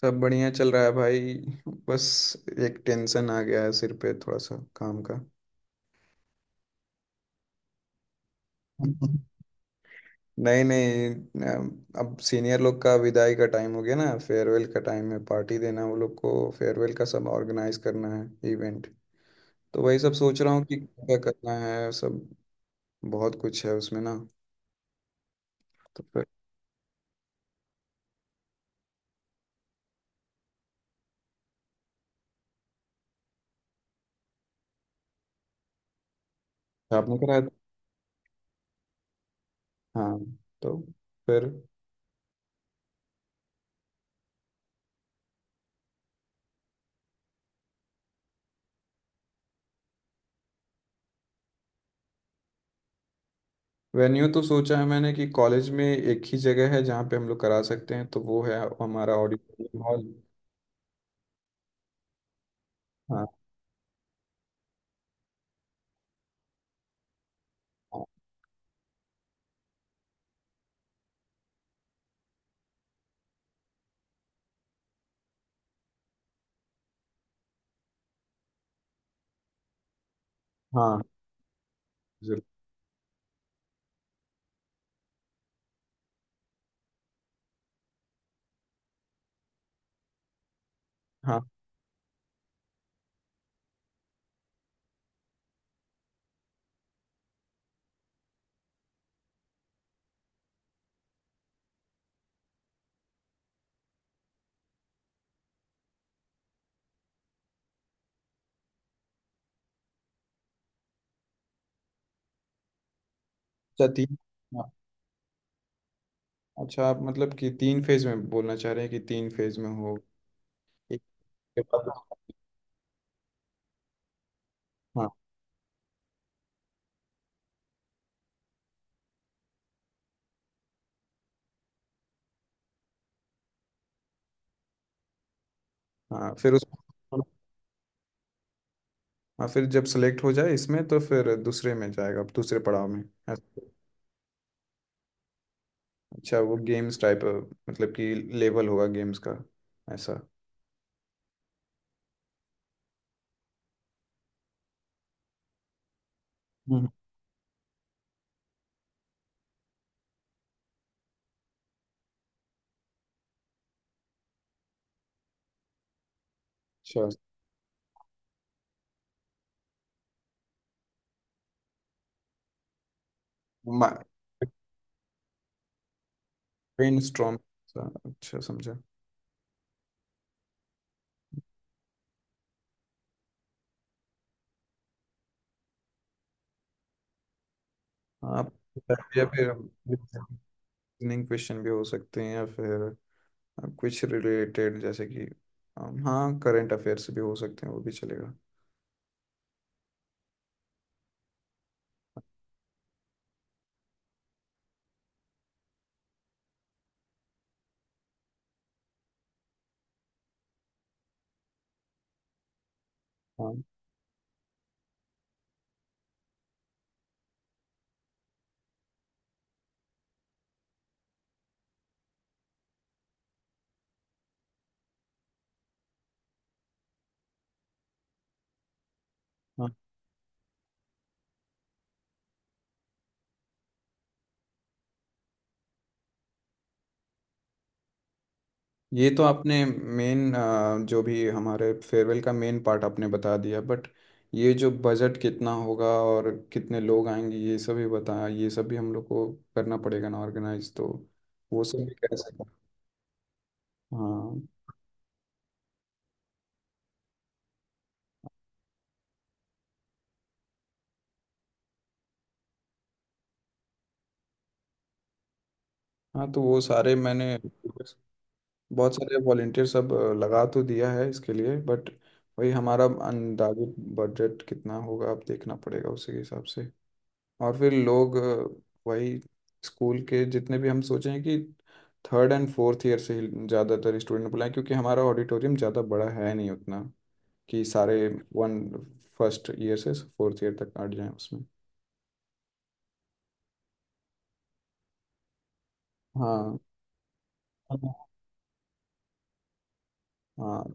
सब बढ़िया चल रहा है भाई। बस एक टेंशन आ गया है सिर पे थोड़ा सा काम का। नहीं नहीं, अब सीनियर लोग का विदाई का टाइम हो गया ना। फेयरवेल का टाइम है, पार्टी देना वो लोग को, फेयरवेल का सब ऑर्गेनाइज करना है इवेंट। तो वही सब सोच रहा हूँ कि क्या करना है सब। बहुत कुछ है उसमें ना। तो फिर आपने कराया था? हाँ, तो फिर वेन्यू तो सोचा है मैंने कि कॉलेज में एक ही जगह है जहाँ पे हम लोग करा सकते हैं, तो वो है हमारा ऑडिटोरियम हॉल। हाँ। हाँ। जरूर। हाँ। अच्छा, तीन। हाँ, अच्छा, आप मतलब कि तीन फेज में बोलना चाह रहे हैं कि तीन फेज में हो एक के बाद? हाँ। हाँ फिर उस, हाँ फिर जब सेलेक्ट हो जाए इसमें तो फिर दूसरे में जाएगा, दूसरे पड़ाव में। ऐसा। अच्छा, वो गेम्स टाइप, मतलब कि लेवल होगा गेम्स का, ऐसा। हम्म। अच्छा। Brain storm. अच्छा समझा। हाँ, आप, या फिर रीजनिंग क्वेश्चन भी हो सकते हैं, या फिर अब कुछ रिलेटेड जैसे कि, हाँ, करंट अफेयर्स भी हो सकते हैं, वो भी चलेगा। हाँ। हाँ, ये तो आपने मेन, जो भी हमारे फेयरवेल का मेन पार्ट आपने बता दिया, बट ये जो बजट कितना होगा और कितने लोग आएंगे, ये सब भी बताया, ये सब भी हम लोग को करना पड़ेगा ना ऑर्गेनाइज, तो वो सब भी कैसे? हाँ। हाँ तो वो सारे मैंने, बहुत सारे वॉलेंटियर सब लगा तो दिया है इसके लिए, बट वही हमारा अंदाजी बजट कितना होगा अब देखना पड़ेगा, उसी के हिसाब से। और फिर लोग वही स्कूल के जितने भी हम सोचे हैं कि थर्ड एंड फोर्थ ईयर से ही ज़्यादातर स्टूडेंट बुलाएं क्योंकि हमारा ऑडिटोरियम ज़्यादा बड़ा है नहीं उतना, कि सारे वन, फर्स्ट ईयर से फोर्थ ईयर तक अट जाएं उसमें। हाँ। हाँ।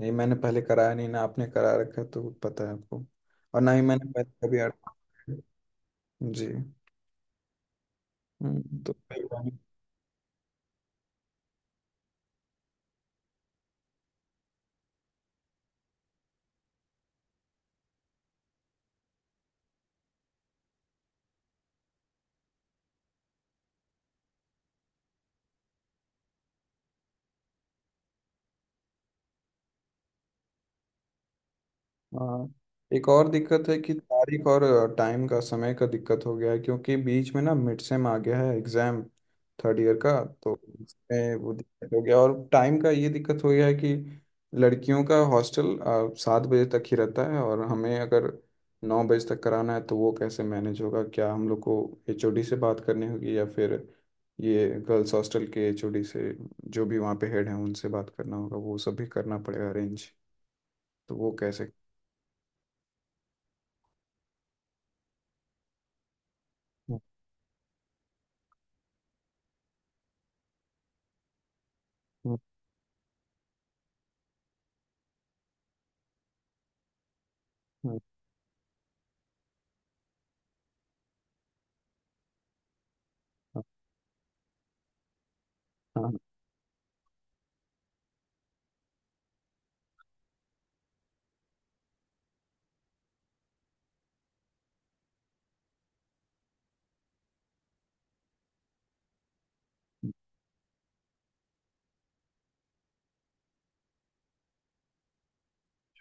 नहीं मैंने पहले कराया नहीं ना, आपने करा रखा है तो पता है आपको, और ना ही मैंने पहले कभी। अट- जी। तो मेहरबानी। हाँ। एक और दिक्कत है कि तारीख और टाइम का, समय का दिक्कत हो गया है क्योंकि बीच में ना मिड सेम आ गया है एग्जाम, थर्ड ईयर का। तो इसमें वो दिक्कत हो गया और टाइम का ये दिक्कत हो गया है कि लड़कियों का हॉस्टल 7 बजे तक ही रहता है, और हमें अगर 9 बजे तक कराना है तो वो कैसे मैनेज होगा? क्या हम लोग को एचओडी से बात करनी होगी, या फिर ये गर्ल्स हॉस्टल के एचओडी से, जो भी वहाँ पे हेड हैं उनसे बात करना होगा, वो सब भी करना पड़ेगा अरेंज। तो वो कैसे? हाँ, हाँ,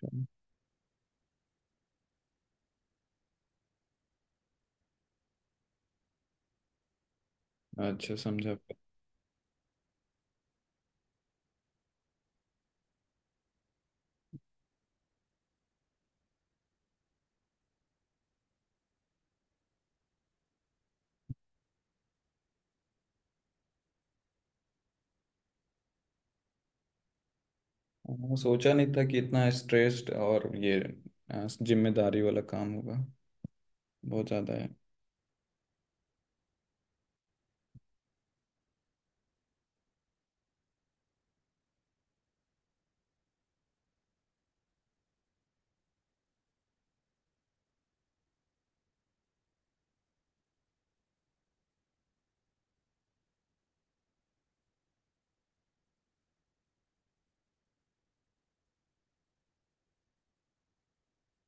हाँ। अच्छा समझा। हाँ, सोचा नहीं था कि इतना स्ट्रेस्ड और ये जिम्मेदारी वाला काम होगा। बहुत ज्यादा है।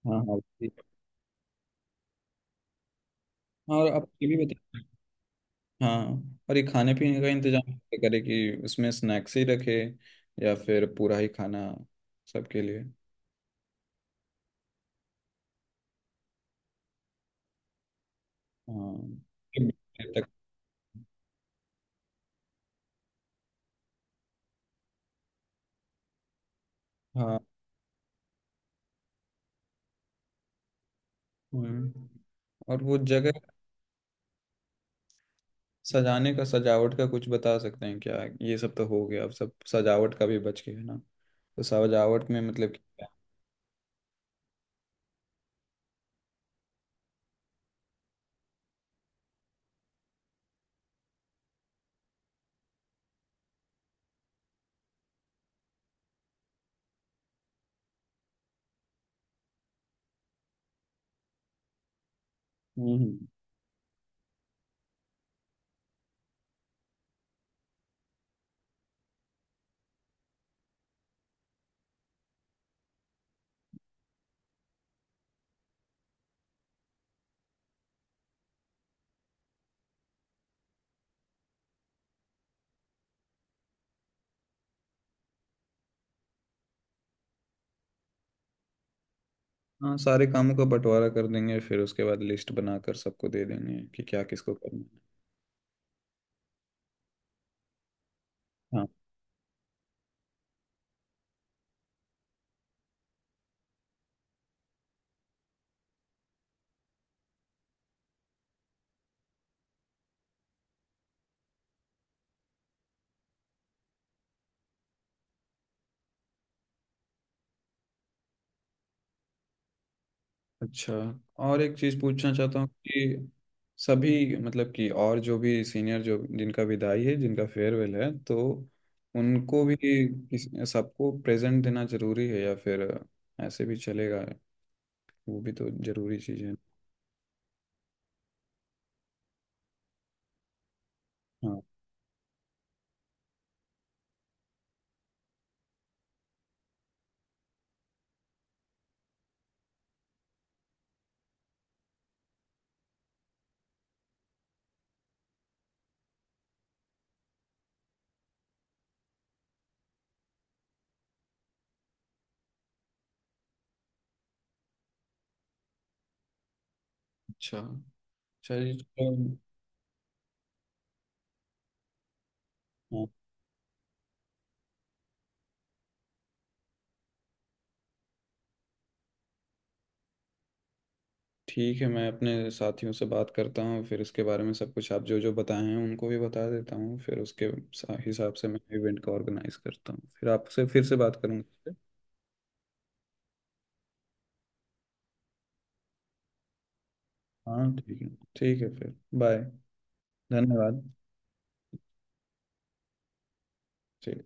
हाँ। हाँ हाँ, और आप ये भी बता। हाँ, और ये खाने पीने का इंतजाम कैसे करें, कि उसमें स्नैक्स ही रखे, या फिर पूरा ही खाना सबके लिए। हाँ। तक। हाँ। हम्म। और वो जगह सजाने का, सजावट का कुछ बता सकते हैं क्या? ये सब तो हो गया, अब सब सजावट का भी बच गया है ना, तो सजावट में मतलब। हम्म। हम्म। हाँ, सारे कामों का बंटवारा कर देंगे फिर उसके बाद लिस्ट बनाकर सबको दे देंगे कि क्या किसको करना है। हाँ। अच्छा, और एक चीज़ पूछना चाहता हूँ कि सभी मतलब कि, और जो भी सीनियर जो जिनका विदाई है, जिनका फेयरवेल है, तो उनको भी सबको प्रेजेंट देना जरूरी है या फिर ऐसे भी चलेगा? वो भी तो जरूरी चीज़ है। हाँ। अच्छा, चलिए तो। हाँ, ठीक है, मैं अपने साथियों से बात करता हूँ फिर इसके बारे में, सब कुछ आप जो जो बताए हैं उनको भी बता देता हूँ, फिर उसके हिसाब से मैं इवेंट का ऑर्गेनाइज करता हूँ, फिर आपसे फिर से बात करूँगा। हाँ, ठीक है। ठीक है, फिर बाय। धन्यवाद। ठीक।